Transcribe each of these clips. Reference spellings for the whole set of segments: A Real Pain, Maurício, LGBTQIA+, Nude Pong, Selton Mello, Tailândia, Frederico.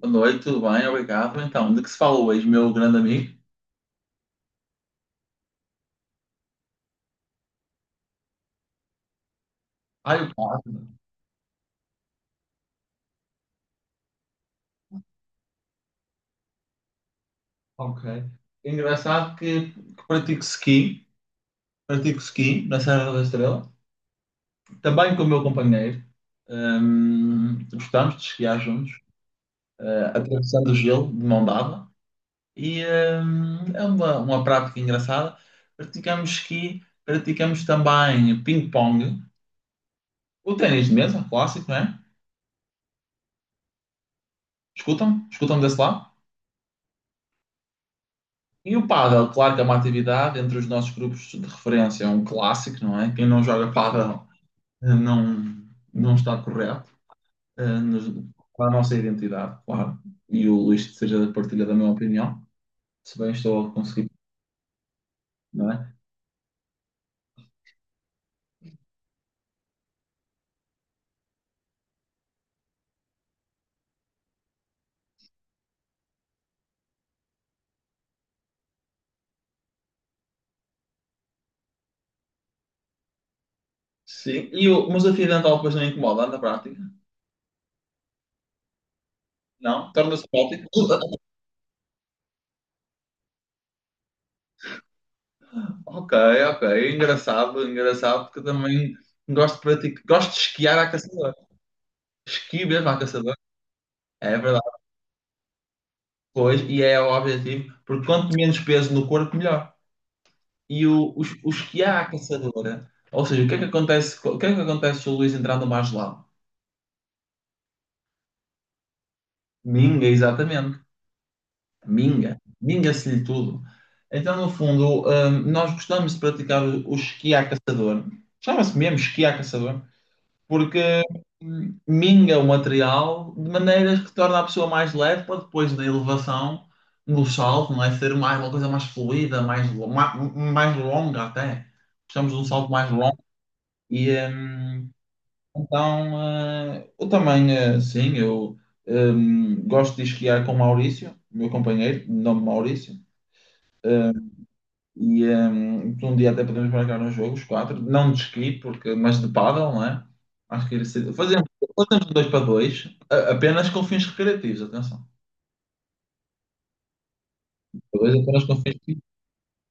Boa noite, tudo bem? Obrigado. Então, de que se falou hoje, meu grande amigo? Ah, eu paddle. Ok. É engraçado que pratico ski na Serra da Estrela, também com o meu companheiro. Gostamos de esquiar juntos, atravessando o gelo de mão dada. E é uma prática engraçada. Praticamos ski, praticamos também ping-pong, o ténis de mesa, clássico, não é? Escutam? Escutam desse lado? E o pádel, claro que é uma atividade entre os nossos grupos de referência, é um clássico, não é? Quem não joga pádel eh, não, não está correto, eh, nos- com a nossa identidade, claro. E o Luís seja partilha da minha opinião, se bem estou a conseguir, não é? Sim, e o, mas a fio dental depois não incomoda na prática? Não? Torna-se prático? Ok, ok, engraçado, engraçado, porque eu também gosto de praticar, gosto de esquiar à caçadora. Esqui mesmo à caçadora, é verdade. Pois, e é o objetivo, porque quanto menos peso no corpo, melhor. E o, os que há à caçadora, ou seja, o que é que acontece, o que é que acontece se o Luís entrar no mar gelado? Minga, exatamente. Minga. Minga-se-lhe tudo. Então, no fundo, nós gostamos de praticar o esqui à caçador. Chama-se mesmo esqui à caçador, porque minga o material de maneiras que torna a pessoa mais leve para depois da elevação, do salto, não é? Ser mais, uma coisa mais fluida, mais, mais longa até. Precisamos de um salto mais longo. E então eu também, sim, eu gosto de esquiar com o Maurício, meu companheiro, de nome Maurício. E então, um dia até podemos marcar um jogo, os quatro, não de esqui, porque, mas de pádel, não é? Acho que ele se... fazemos, fazemos um dois para dois, apenas com fins recreativos, atenção. Dois apenas com fins recreativos.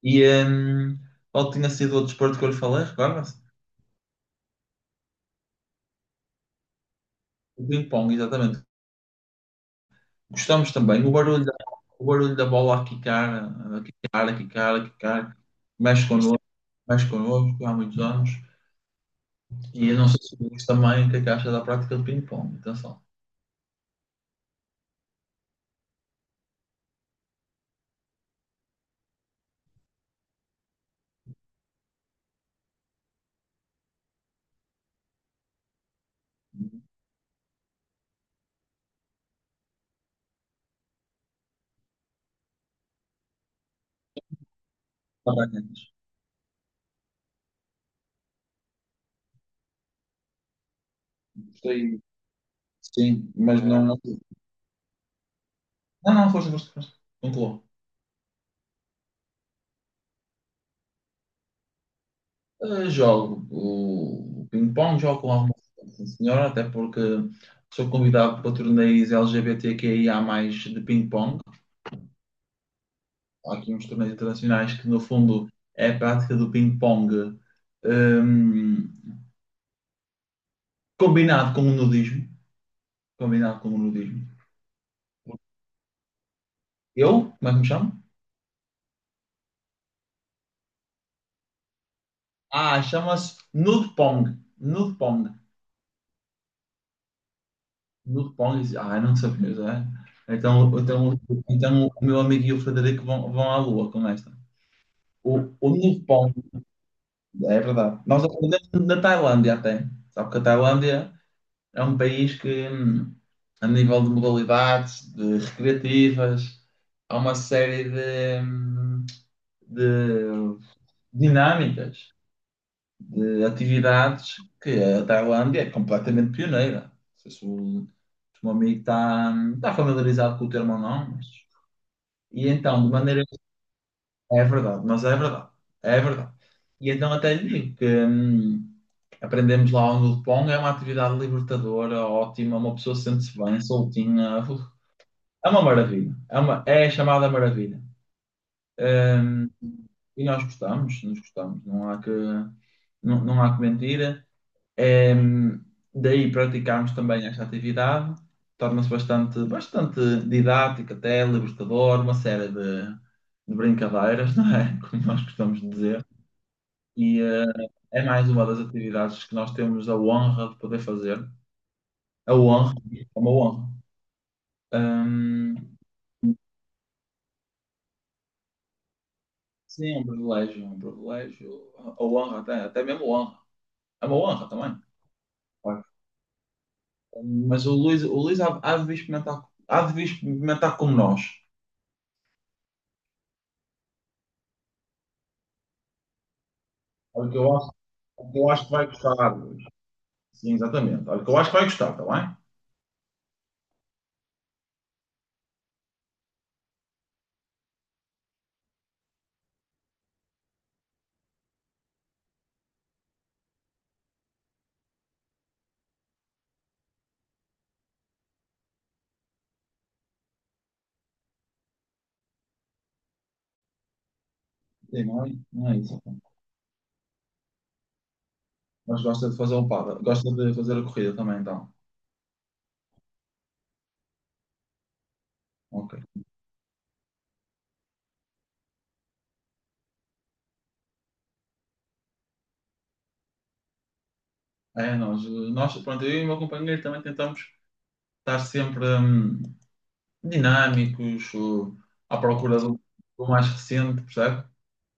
E qual tinha sido outro desporto que eu lhe falei, recorda-se? O ping-pong, exatamente. Gostamos também, o barulho da bola a quicar, a quicar, a quicar, a quicar, mexe connosco, mexe connosco há muitos anos. E eu não sei se o Luís também, o que é que acha da prática de ping-pong, atenção. Parabéns. Gostei. Sim, mas eh, não. Não, não, foste, foste, foste. Concluo. Jogo o ping-pong, jogo com alguma frequência, sim, senhora, até porque sou convidado para torneios LGBTQIA+, de ping-pong. Há aqui uns torneios internacionais que, no fundo, é a prática do ping-pong, hum, combinado com o nudismo. Combinado com o nudismo. Eu? Como é que me chamo? Ah, chama-se nude pong. Nude pong. No Pong, ah, não sabia já. Então, então, então o meu amigo e o Frederico vão, vão à lua com esta. O, o Nude Pong, é verdade. Nós aprendemos na Tailândia até. Sabe que a Tailândia é um país que, a nível de modalidades, de recreativas, há uma série de, de dinâmicas de atividades, que a Tailândia é completamente pioneira. Não sei se o, se o meu amigo está familiarizado com o termo ou não, mas... E então, de maneira... É verdade, mas é verdade. É verdade. E então até lhe digo que aprendemos lá o Nudpong, é uma atividade libertadora, ótima, uma pessoa sente-se bem, soltinha. Uf, é uma maravilha. É, uma, é a chamada maravilha. Hum, e nós gostamos, nós gostamos. Não há que, não, não há que mentir. Ehm, Daí praticarmos também esta atividade, torna-se bastante, bastante didática, até libertador, uma série de brincadeiras, não é? Como nós costumamos dizer. E é mais uma das atividades que nós temos a honra de poder fazer. A honra, é uma honra. Ehm, sim, é um privilégio, é um privilégio. A honra, até, até mesmo honra. É uma honra também. Claro. Mas o Luís há, há de vir experimentar, há de vir experimentar como nós. Porque eu acho. O que eu acho que vai gostar. Sim, exatamente. Olha, o que eu acho que vai gostar, está bem? Sim, não é, não é isso, então. Mas gosta de fazer um par, gosta de fazer a corrida também, então. Ok. É, nós, pronto, eu e o meu companheiro também tentamos estar sempre dinâmicos, à procura do, do mais recente, percebe?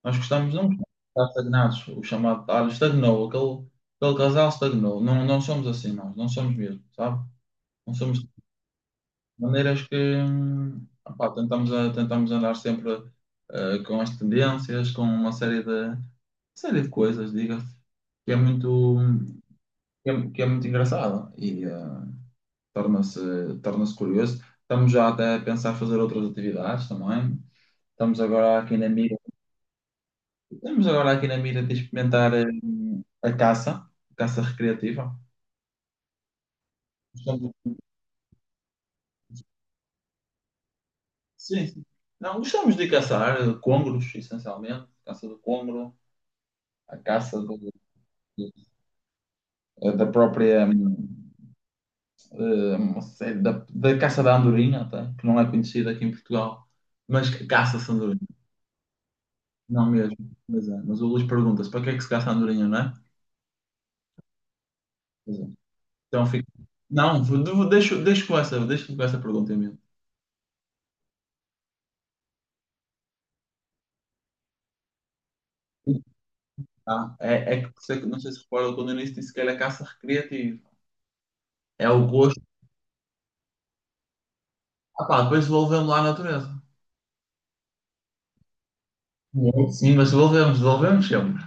Nós gostamos, não gostamos de um estar estagnados, o chamado, ah, estagnou, aquele, aquele casal estagnou. Não, não somos assim nós, não somos mesmo, sabe? Não somos maneiras que opá, tentamos, tentamos andar sempre com as tendências, com uma série de coisas, diga-se, que é muito, que é muito engraçado e torna-se torna-se curioso. Estamos já até a pensar fazer outras atividades também. Estamos agora aqui na mira, estamos agora aqui na mira de experimentar a caça recreativa. Gostamos- sim, sim. Não, gostamos de caçar congros, essencialmente, caça do congro, a caça do da própria uma série da, da caça da andorinha, tá? Que não é conhecida aqui em Portugal, mas que caça-se andorinha, não mesmo. Mas, é. Mas o Luís pergunta-se para que é que se caça a andorinha, não é? Pois é. Então fica. Não, deixo, deixo com essa pergunta em mente. Ah, é, é que por isso é que não sei se recorda quando eu disse que era caça recreativa. É o gosto. Ah, pá, depois devolvemos lá à natureza. Sim, mas devolvemos, devolvemos sempre.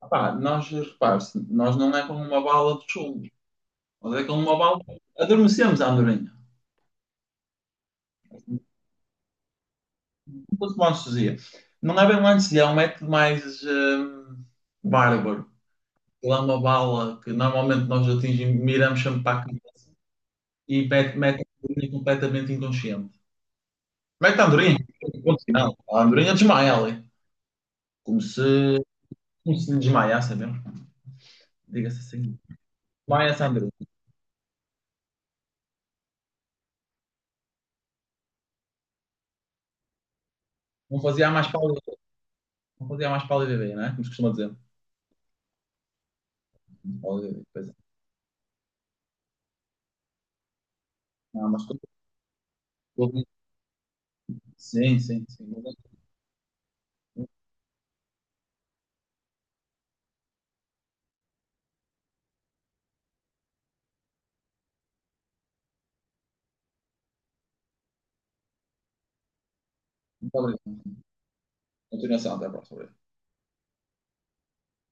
Ah, pá, nós, repare-se, nós não é como uma bala de chumbo. Mas é como uma bala. Adormecemos a andorinha. Tudo com anestesia. Não é bem uma anestesia, é um método mais bárbaro. Lá uma bala que normalmente nós atingimos, miramos sempre para a cabeça e mete, mete a andorinha completamente inconsciente. Mete a andorinha. Ponto final. A andorinha desmaia ali. Como se, como se lhe desmaiasse é mesmo. Diga-se assim. Desmaia-se a andorinha. Não fazia a mais pálida, não fazia a mais pálida ideia, não é? Como se costuma dizer. Não, mas tudo- tudo- sim, sim, sim. Muito obrigado. Continuação. Até a próxima.